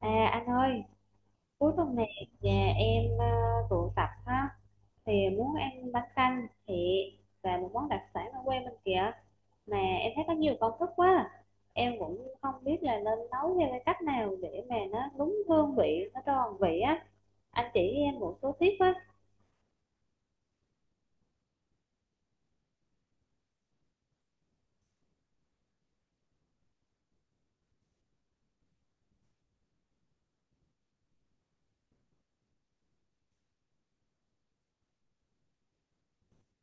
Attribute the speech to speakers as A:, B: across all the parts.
A: À anh ơi, cuối tuần này nhà em tụ tập ha thì muốn ăn bánh canh thịt và một món đặc sản ở quê mình kìa, mà em thấy có nhiều công thức quá. Em cũng không biết là nên nấu theo cái cách nào để mà nó đúng hương vị, nó tròn vị á. Anh chỉ em một số tips á.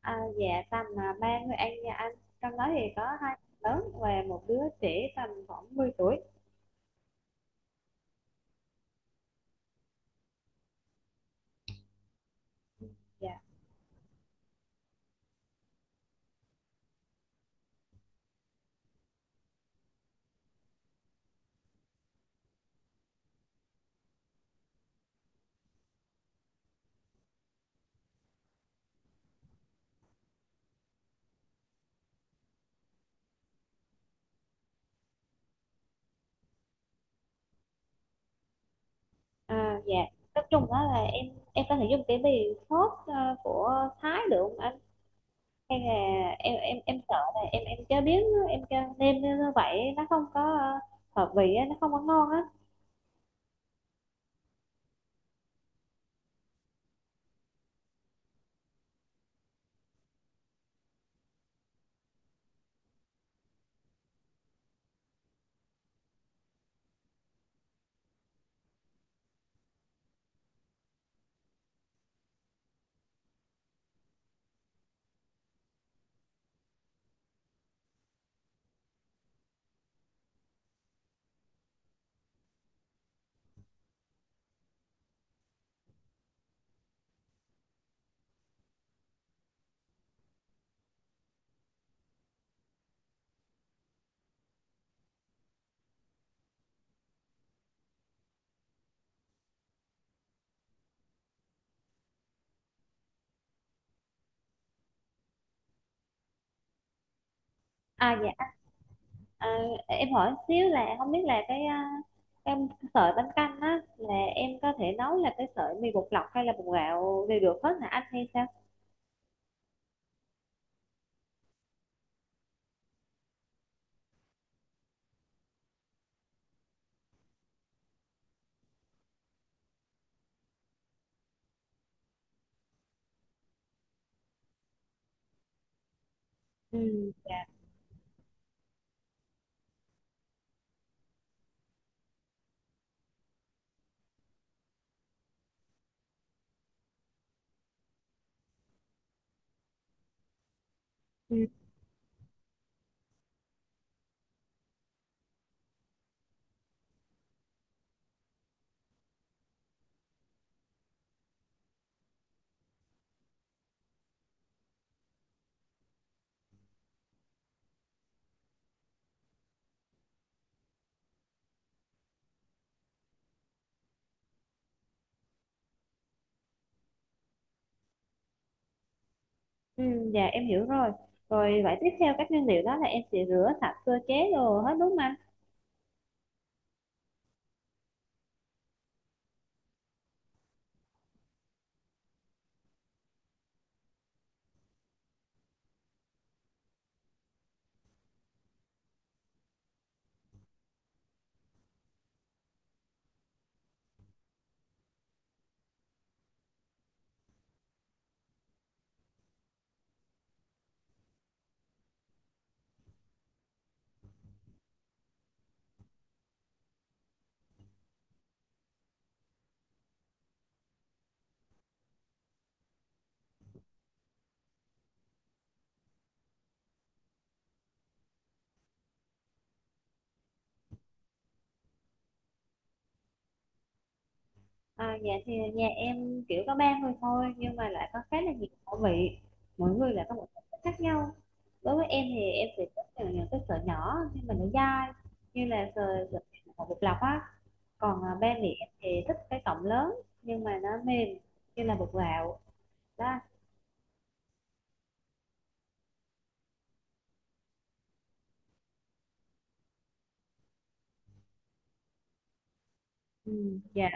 A: À, dạ tầm ba người ăn nha anh. Trong đó thì có hai đứa lớn và một đứa trẻ tầm khoảng 10 tuổi. Dạ. À, dạ nói chung đó là em có thể dùng cái bì sốt của Thái được không anh, hay là em sợ là em chế biến em cho nêm như vậy nó không có hợp vị á, nó không có ngon á. À, dạ, à, em hỏi xíu là không biết là cái em sợi bánh canh á là em có thể nấu là cái sợi mì bột lọc hay là bột gạo đều được hết hả anh, hay sao? Ừ, ừ, ừ. Dạ em hiểu rồi. Rồi vậy tiếp theo các nguyên liệu đó là em sẽ rửa sạch sơ chế đồ hết, đúng không anh? À, dạ thì nhà em kiểu có ba người thôi, nhưng mà lại có khá là nhiều khẩu vị, mỗi người lại có một sở thích khác nhau. Đối với em thì em sẽ thích những cái sợi nhỏ nhưng mà nó dai, như là sợi sợi của bột lọc á. Còn ba mẹ em thì thích cái cọng lớn nhưng mà nó mềm, như là bột gạo đó. Ừ, dạ.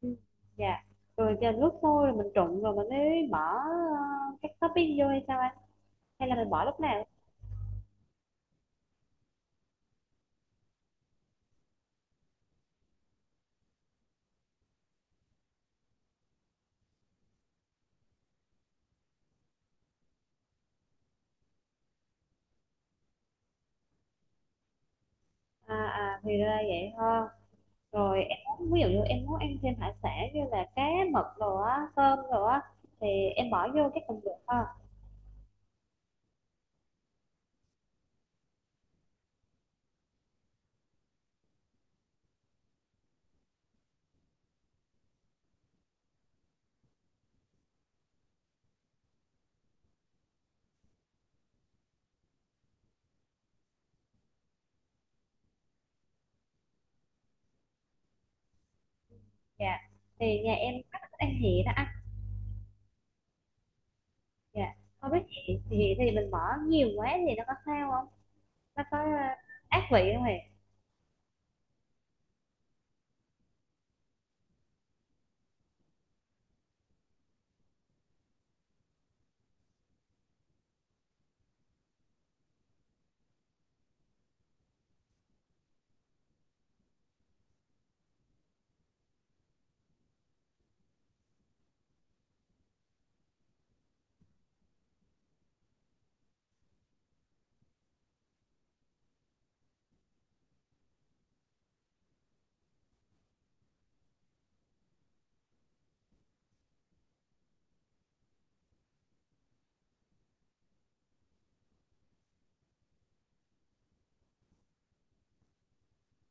A: Ừ, dạ, rồi chờ lúc sôi rồi mình trụng rồi mình mới bỏ các topping vô hay sao anh, hay là mình bỏ lúc nào? À thì ra vậy ha. Rồi em muốn, ví dụ như em muốn ăn thêm hải sản như là cá, mực rồi á, cơm rồi á, thì em bỏ vô cái phần được ha. Dạ. Thì nhà em có thích ăn hẹ đó anh. Dạ. Không biết hẹ thì mình bỏ nhiều quá thì nó có sao không? Nó có ác vị không hề?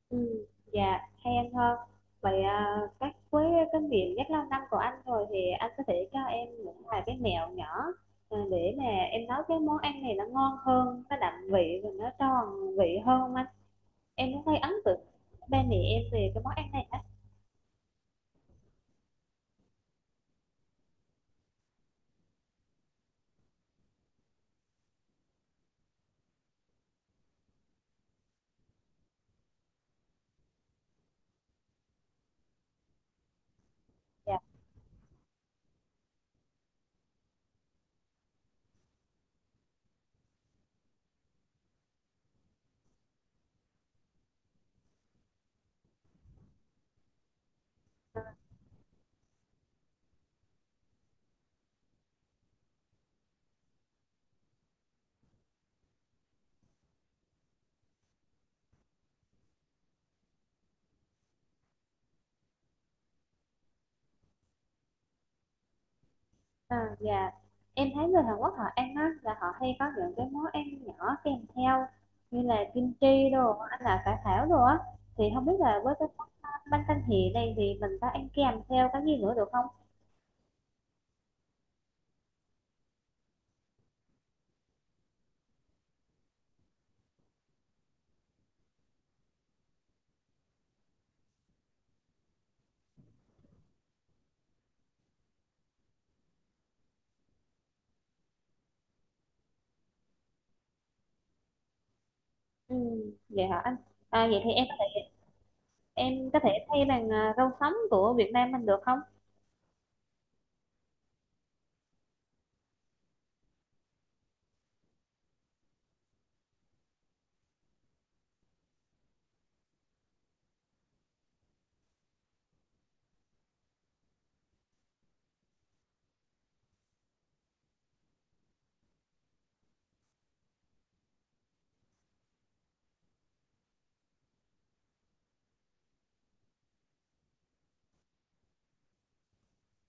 A: Ừ. Dạ, hay ăn hơn. Vậy các với cái miệng rất lâu năm của anh rồi thì anh có thể cho em một vài cái mẹo nhỏ để mà em nấu cái món ăn này nó ngon hơn, nó đậm vị và nó tròn vị hơn không anh? Em cũng thấy ấn tượng ba mẹ em về cái món ăn này á. Dạ. À, dạ em thấy người Hàn Quốc họ ăn á là họ hay có những cái món ăn nhỏ kèm theo như là kim chi, đồ anh, là cải thảo đồ á, thì không biết là với cái món bánh canh hì này thì mình có ăn kèm theo cái gì nữa được không? Ừ, vậy hả anh? À, vậy thì em có thể thay bằng rau sống của Việt Nam mình được không?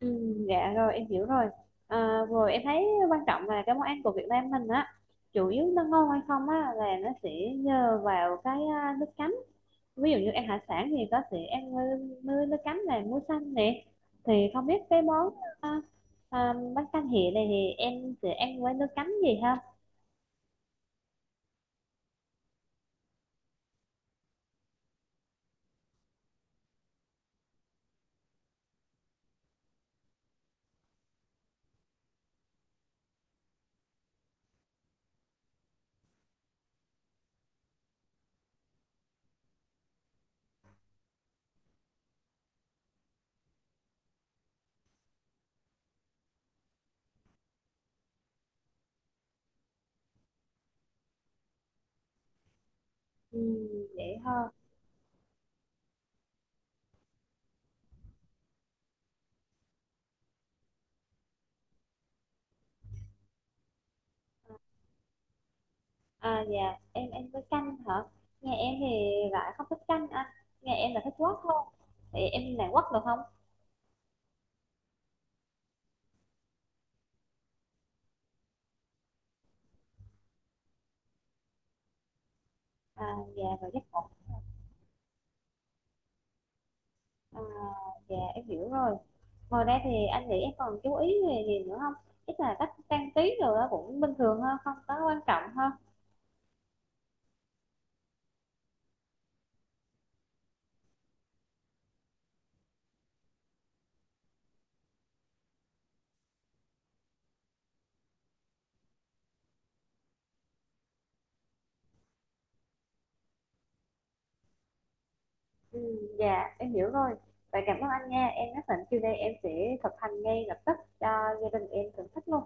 A: Ừ, dạ rồi em hiểu rồi. À, rồi em thấy quan trọng là cái món ăn của Việt Nam mình á, chủ yếu nó ngon hay không á là nó sẽ nhờ vào cái nước chấm. Ví dụ như ăn hải sản thì có thể ăn nơi nước chấm là muối xanh nè, thì không biết cái món à, bánh canh hẹ này thì em sẽ ăn với nước chấm gì ha? Ừ, vậy ha. À, dạ em ăn với canh hả? Nghe em thì lại không thích canh anh, nghe em là thích quất hơn, thì em làm quất được không? À, dạ rồi chắc. À, dạ em hiểu rồi. Ngoài ra thì anh nghĩ em còn chú ý về gì nữa không? Chắc là cách trang trí rồi đó cũng bình thường thôi, không có quan trọng hơn. Ừ, dạ em hiểu rồi. Vậy cảm ơn anh nha. Em nhất định chiều nay em sẽ thực hành ngay lập tức cho gia đình em thưởng thức luôn.